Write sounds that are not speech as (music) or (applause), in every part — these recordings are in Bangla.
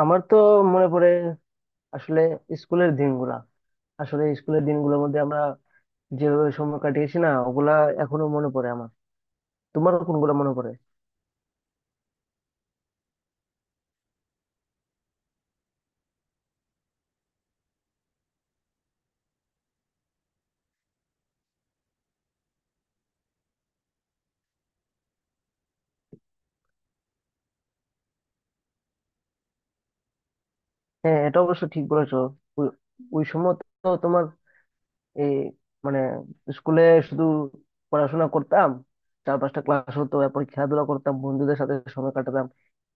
আমার তো মনে পড়ে আসলে স্কুলের দিনগুলা। আসলে স্কুলের দিনগুলোর মধ্যে আমরা যেভাবে সময় কাটিয়েছি না, ওগুলা এখনো মনে পড়ে আমার। তোমার কোনগুলো মনে পড়ে? হ্যাঁ, এটা অবশ্য ঠিক বলেছো। ওই ওই সময় তো তোমার এই মানে স্কুলে শুধু পড়াশোনা করতাম। চার পাঁচটা ক্লাস হতো, এরপর খেলাধুলা করতাম, বন্ধুদের সাথে সময় কাটাতাম।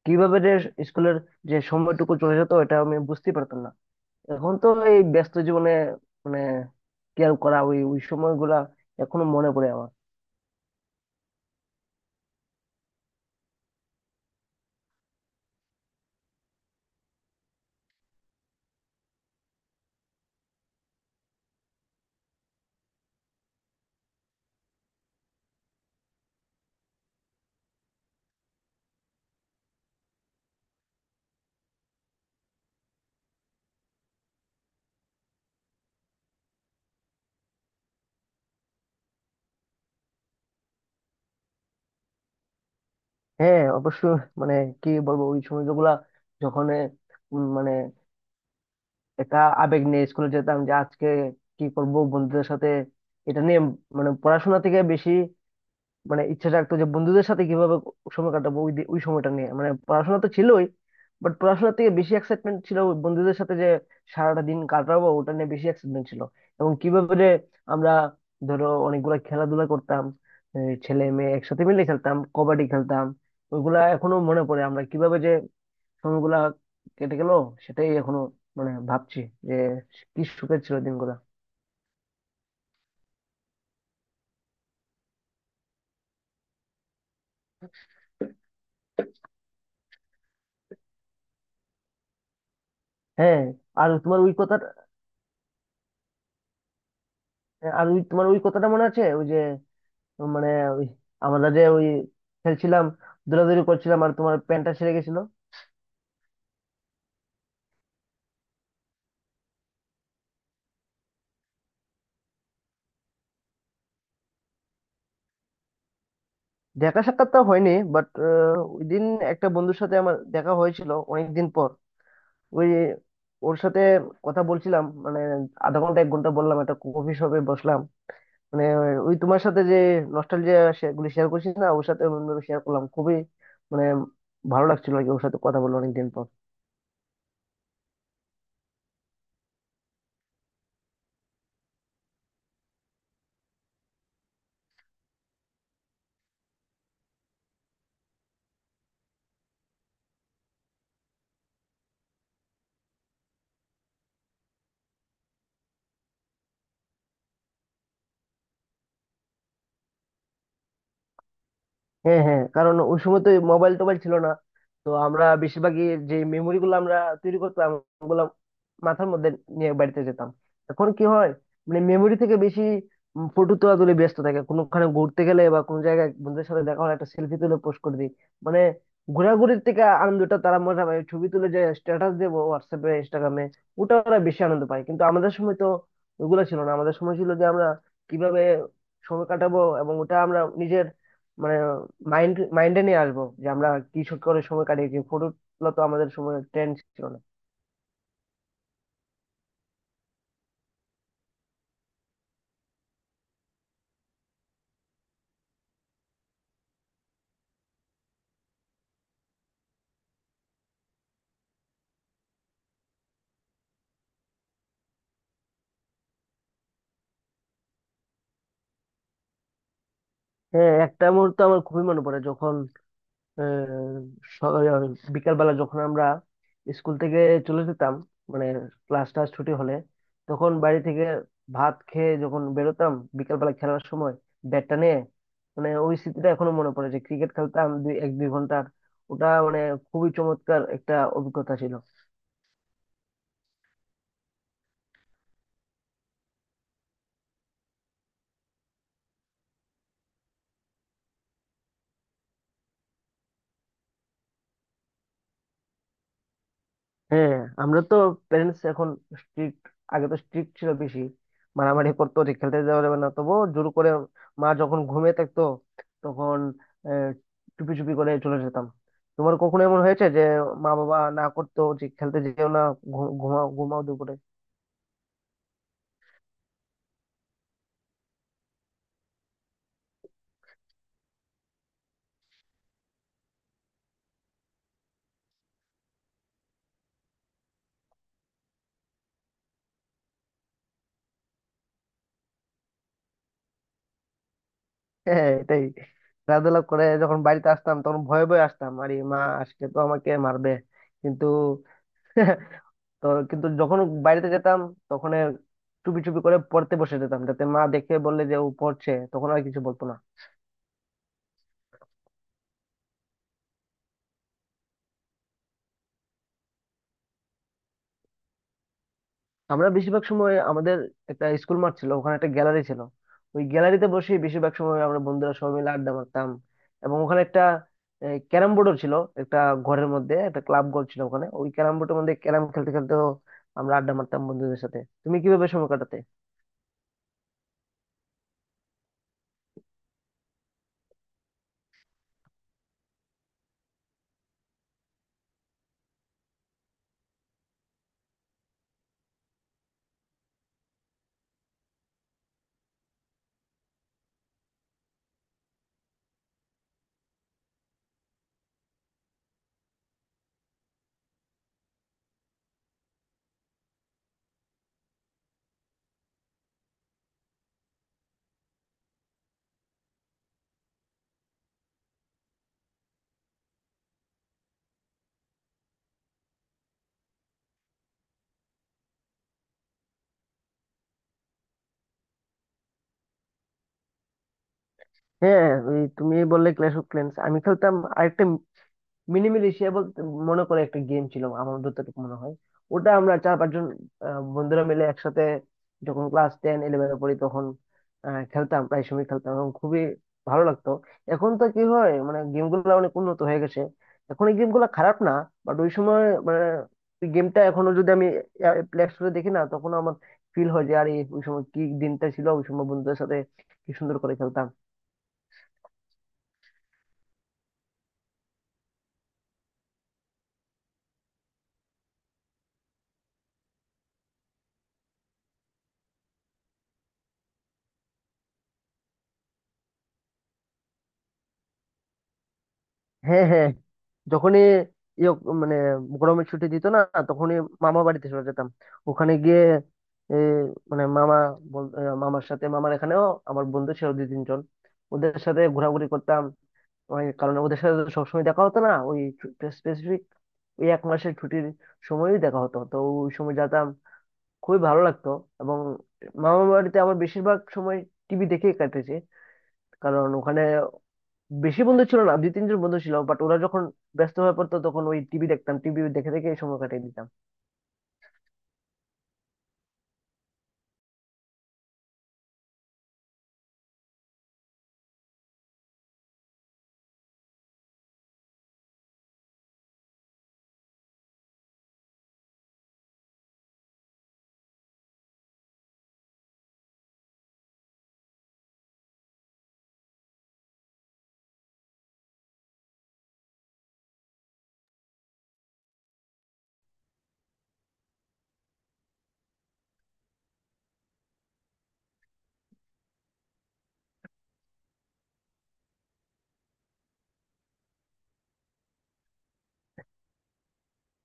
কিভাবে যে স্কুলের যে সময়টুকু চলে যেত, এটা আমি বুঝতেই পারতাম না। এখন তো এই ব্যস্ত জীবনে মানে কি আর করা, ওই ওই সময়গুলা এখনো মনে পড়ে আমার। হ্যাঁ, অবশ্য। মানে কি বলবো, ওই সময়গুলা যখন মানে একা আবেগ নিয়ে স্কুলে যেতাম যে আজকে কি করব বন্ধুদের সাথে, এটা নিয়ে। মানে পড়াশোনা থেকে বেশি, মানে ইচ্ছা রাখতো যে বন্ধুদের সাথে কিভাবে সময় কাটাবো, ওই ওই সময়টা নিয়ে, মানে পড়াশোনা তো ছিলই, বাট পড়াশোনার থেকে বেশি এক্সাইটমেন্ট ছিল ওই বন্ধুদের সাথে যে সারাটা দিন কাটাবো, ওটা নিয়ে বেশি এক্সাইটমেন্ট ছিল। এবং কিভাবে যে আমরা, ধরো, অনেকগুলা খেলাধুলা করতাম, এই ছেলে মেয়ে একসাথে মিলে খেলতাম, কবাডি খেলতাম, ওইগুলা এখনো মনে পড়ে। আমরা কিভাবে যে সময়গুলা কেটে গেল, সেটাই এখনো মানে ভাবছি যে কি সুখের ছিল দিনগুলা। হ্যাঁ। আর তোমার ওই কথা আর ওই তোমার ওই কথাটা মনে আছে, ওই যে মানে ওই আমরা যে ওই খেলছিলাম, দৌড়াদৌড়ি করছিলাম আর তোমার প্যান্টটা ছিঁড়ে গেছিল? দেখা সাক্ষাৎ তো হয়নি, বাট ওই দিন একটা বন্ধুর সাথে আমার দেখা হয়েছিল অনেক দিন পর। ওই ওর সাথে কথা বলছিলাম, মানে আধা ঘন্টা 1 ঘন্টা বললাম, একটা কফি শপে বসলাম। মানে ওই তোমার সাথে যে নস্টালজিয়া গুলি শেয়ার করছিস না, ওর সাথে শেয়ার করলাম খুবই, মানে ভালো লাগছিল আর কি, ওর সাথে কথা বললো অনেকদিন পর। হ্যাঁ, হ্যাঁ, কারণ ওই সময় তো মোবাইল টোবাইল ছিল না। তো আমরা বেশিরভাগই যে মেমোরি গুলো আমরা তৈরি করতাম, ওগুলো মাথার মধ্যে নিয়ে বাড়িতে যেতাম। এখন কি হয়, মানে মেমোরি থেকে বেশি ফটো তোলা তুলে ব্যস্ত থাকে, কোনোখানে ঘুরতে গেলে বা কোনো জায়গায় বন্ধুদের সাথে দেখা হলে একটা সেলফি তুলে পোস্ট করে দিই। মানে ঘোরাঘুরির থেকে আনন্দটা তারা মজা পায় ছবি তুলে যে স্ট্যাটাস দেবো হোয়াটসঅ্যাপে, ইনস্টাগ্রামে, ওটা ওরা বেশি আনন্দ পায়। কিন্তু আমাদের সময় তো ওগুলো ছিল না, আমাদের সময় ছিল যে আমরা কিভাবে সময় কাটাবো, এবং ওটা আমরা নিজের মানে মাইন্ডে নিয়ে আসবো যে আমরা কি শুট করার সময় কাটিয়েছি। ফটো তোলা তো আমাদের সময় ট্রেন্ড ছিল না। হ্যাঁ, একটা মুহূর্ত আমার খুবই মনে পড়ে যখন আহ, বিকালবেলা যখন আমরা স্কুল থেকে চলে যেতাম, মানে ক্লাস টাস ছুটি হলে, তখন বাড়ি থেকে ভাত খেয়ে যখন বেরোতাম বিকালবেলা খেলার সময় ব্যাটটা নিয়ে, মানে ওই স্মৃতিটা এখনো মনে পড়ে যে ক্রিকেট খেলতাম 1-2 ঘন্টার, ওটা মানে খুবই চমৎকার একটা অভিজ্ঞতা ছিল। হ্যাঁ। আমরা তো প্যারেন্টস এখন স্ট্রিক্ট, আগে তো স্ট্রিক্ট ছিল বেশি। মারামারি করতো যে খেলতে দেওয়া যাবে না, তবুও জোর করে মা যখন ঘুমিয়ে থাকতো তখন আহ, চুপি চুপি করে চলে যেতাম। তোমার কখনো এমন হয়েছে যে মা বাবা না করতো যে খেলতে যেও না, ঘুমাও ঘুমাও দুপুরে? হ্যাঁ, এটাই। খেলাধুলা করে যখন বাড়িতে আসতাম তখন ভয়ে ভয়ে আসতাম, আরে মা আজকে তো আমাকে মারবে। কিন্তু (laughs) তো কিন্তু যখন বাইরেতে যেতাম তখন চুপি চুপি করে পড়তে বসে যেতাম, যাতে মা দেখে বললে যে ও পড়ছে, তখন আর কিছু বলতো না। আমরা বেশিরভাগ সময় আমাদের একটা স্কুল মাঠ ছিল, ওখানে একটা গ্যালারি ছিল, ওই গ্যালারিতে বসে বেশিরভাগ সময় আমরা বন্ধুরা সবাই মিলে আড্ডা মারতাম। এবং ওখানে একটা ক্যারাম বোর্ডও ছিল, একটা ঘরের মধ্যে একটা ক্লাব ঘর ছিল, ওখানে ওই ক্যারাম বোর্ডের মধ্যে ক্যারাম খেলতে খেলতে আমরা আড্ডা মারতাম বন্ধুদের সাথে। তুমি কিভাবে সময় কাটাতে? হ্যাঁ, ওই তুমি বললে ক্ল্যাশ অফ ক্ল্যান্স, আমি খেলতাম আরেকটা মিনিমিল এশিয়া বলতে মনে করে একটা গেম ছিল আমার যতটুকু মনে হয়। ওটা আমরা চার পাঁচজন বন্ধুরা মিলে একসাথে যখন ক্লাস টেন ইলেভেনে পড়ি তখন খেলতাম, প্রায় সময় খেলতাম এবং খুবই ভালো লাগতো। এখন তো কি হয়, মানে গেমগুলো অনেক উন্নত হয়ে গেছে, এখন এই গেমগুলো খারাপ না, বাট ওই সময় মানে গেমটা এখনো যদি আমি প্লে স্টোরে দেখি না, তখন আমার ফিল হয় যে আরে ওই সময় কি দিনটা ছিল, ওই সময় বন্ধুদের সাথে কি সুন্দর করে খেলতাম। হ্যাঁ, হ্যাঁ। যখনই ইয়ে মানে গরমের ছুটি দিত না, তখনই মামা বাড়িতে চলে যেতাম, ওখানে গিয়ে এ, মানে মামা মামার সাথে, মামার এখানেও আমার বন্ধু ছিল 2-3 জন, ওদের সাথে ঘোরাঘুরি করতাম। ওই কারণ ওদের সাথে তো সবসময় দেখা হতো না, ওই স্পেসিফিক ওই 1 মাসের ছুটির সময়ই দেখা হতো, তো ওই সময় যেতাম, খুবই ভালো লাগতো। এবং মামা বাড়িতে আমার বেশিরভাগ সময় টিভি দেখেই কাটেছে, কারণ ওখানে বেশি বন্ধু ছিল না, দুই তিনজন বন্ধু ছিল, বাট ওরা যখন ব্যস্ত হয়ে পড়তো তখন ওই টিভি দেখতাম, টিভি দেখে দেখে এই সময় কাটিয়ে দিতাম।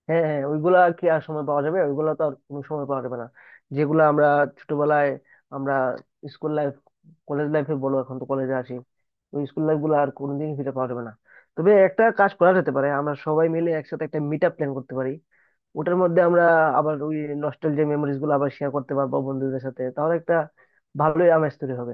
হ্যাঁ, হ্যাঁ, ওইগুলা কি আর সময় পাওয়া যাবে, ওইগুলা তো আর কোনো সময় পাওয়া যাবে না, যেগুলা আমরা ছোটবেলায়, আমরা স্কুল লাইফ কলেজ লাইফে বলো, এখন তো কলেজে আসি, ওই স্কুল লাইফ গুলো আর কোনোদিন ফিরে পাওয়া যাবে না। তবে একটা কাজ করা যেতে পারে, আমরা সবাই মিলে একসাথে একটা মিট আপ প্ল্যান করতে পারি, ওটার মধ্যে আমরা আবার ওই নস্টালজিয়া মেমোরিজ গুলো আবার শেয়ার করতে পারবো বন্ধুদের সাথে, তাহলে একটা ভালোই আমেজ তৈরি হবে।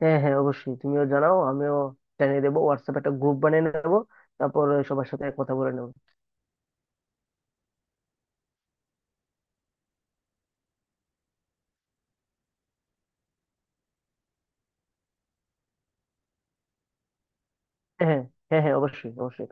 হ্যাঁ, হ্যাঁ, অবশ্যই, তুমিও জানাও, আমিও জানিয়ে দেবো, হোয়াটসঅ্যাপ একটা গ্রুপ বানিয়ে নেবো, তারপর সবার সাথে কথা বলে নেবো। হ্যাঁ, হ্যাঁ। হ্যাঁ, হ্যাঁ, অবশ্যই, অবশ্যই।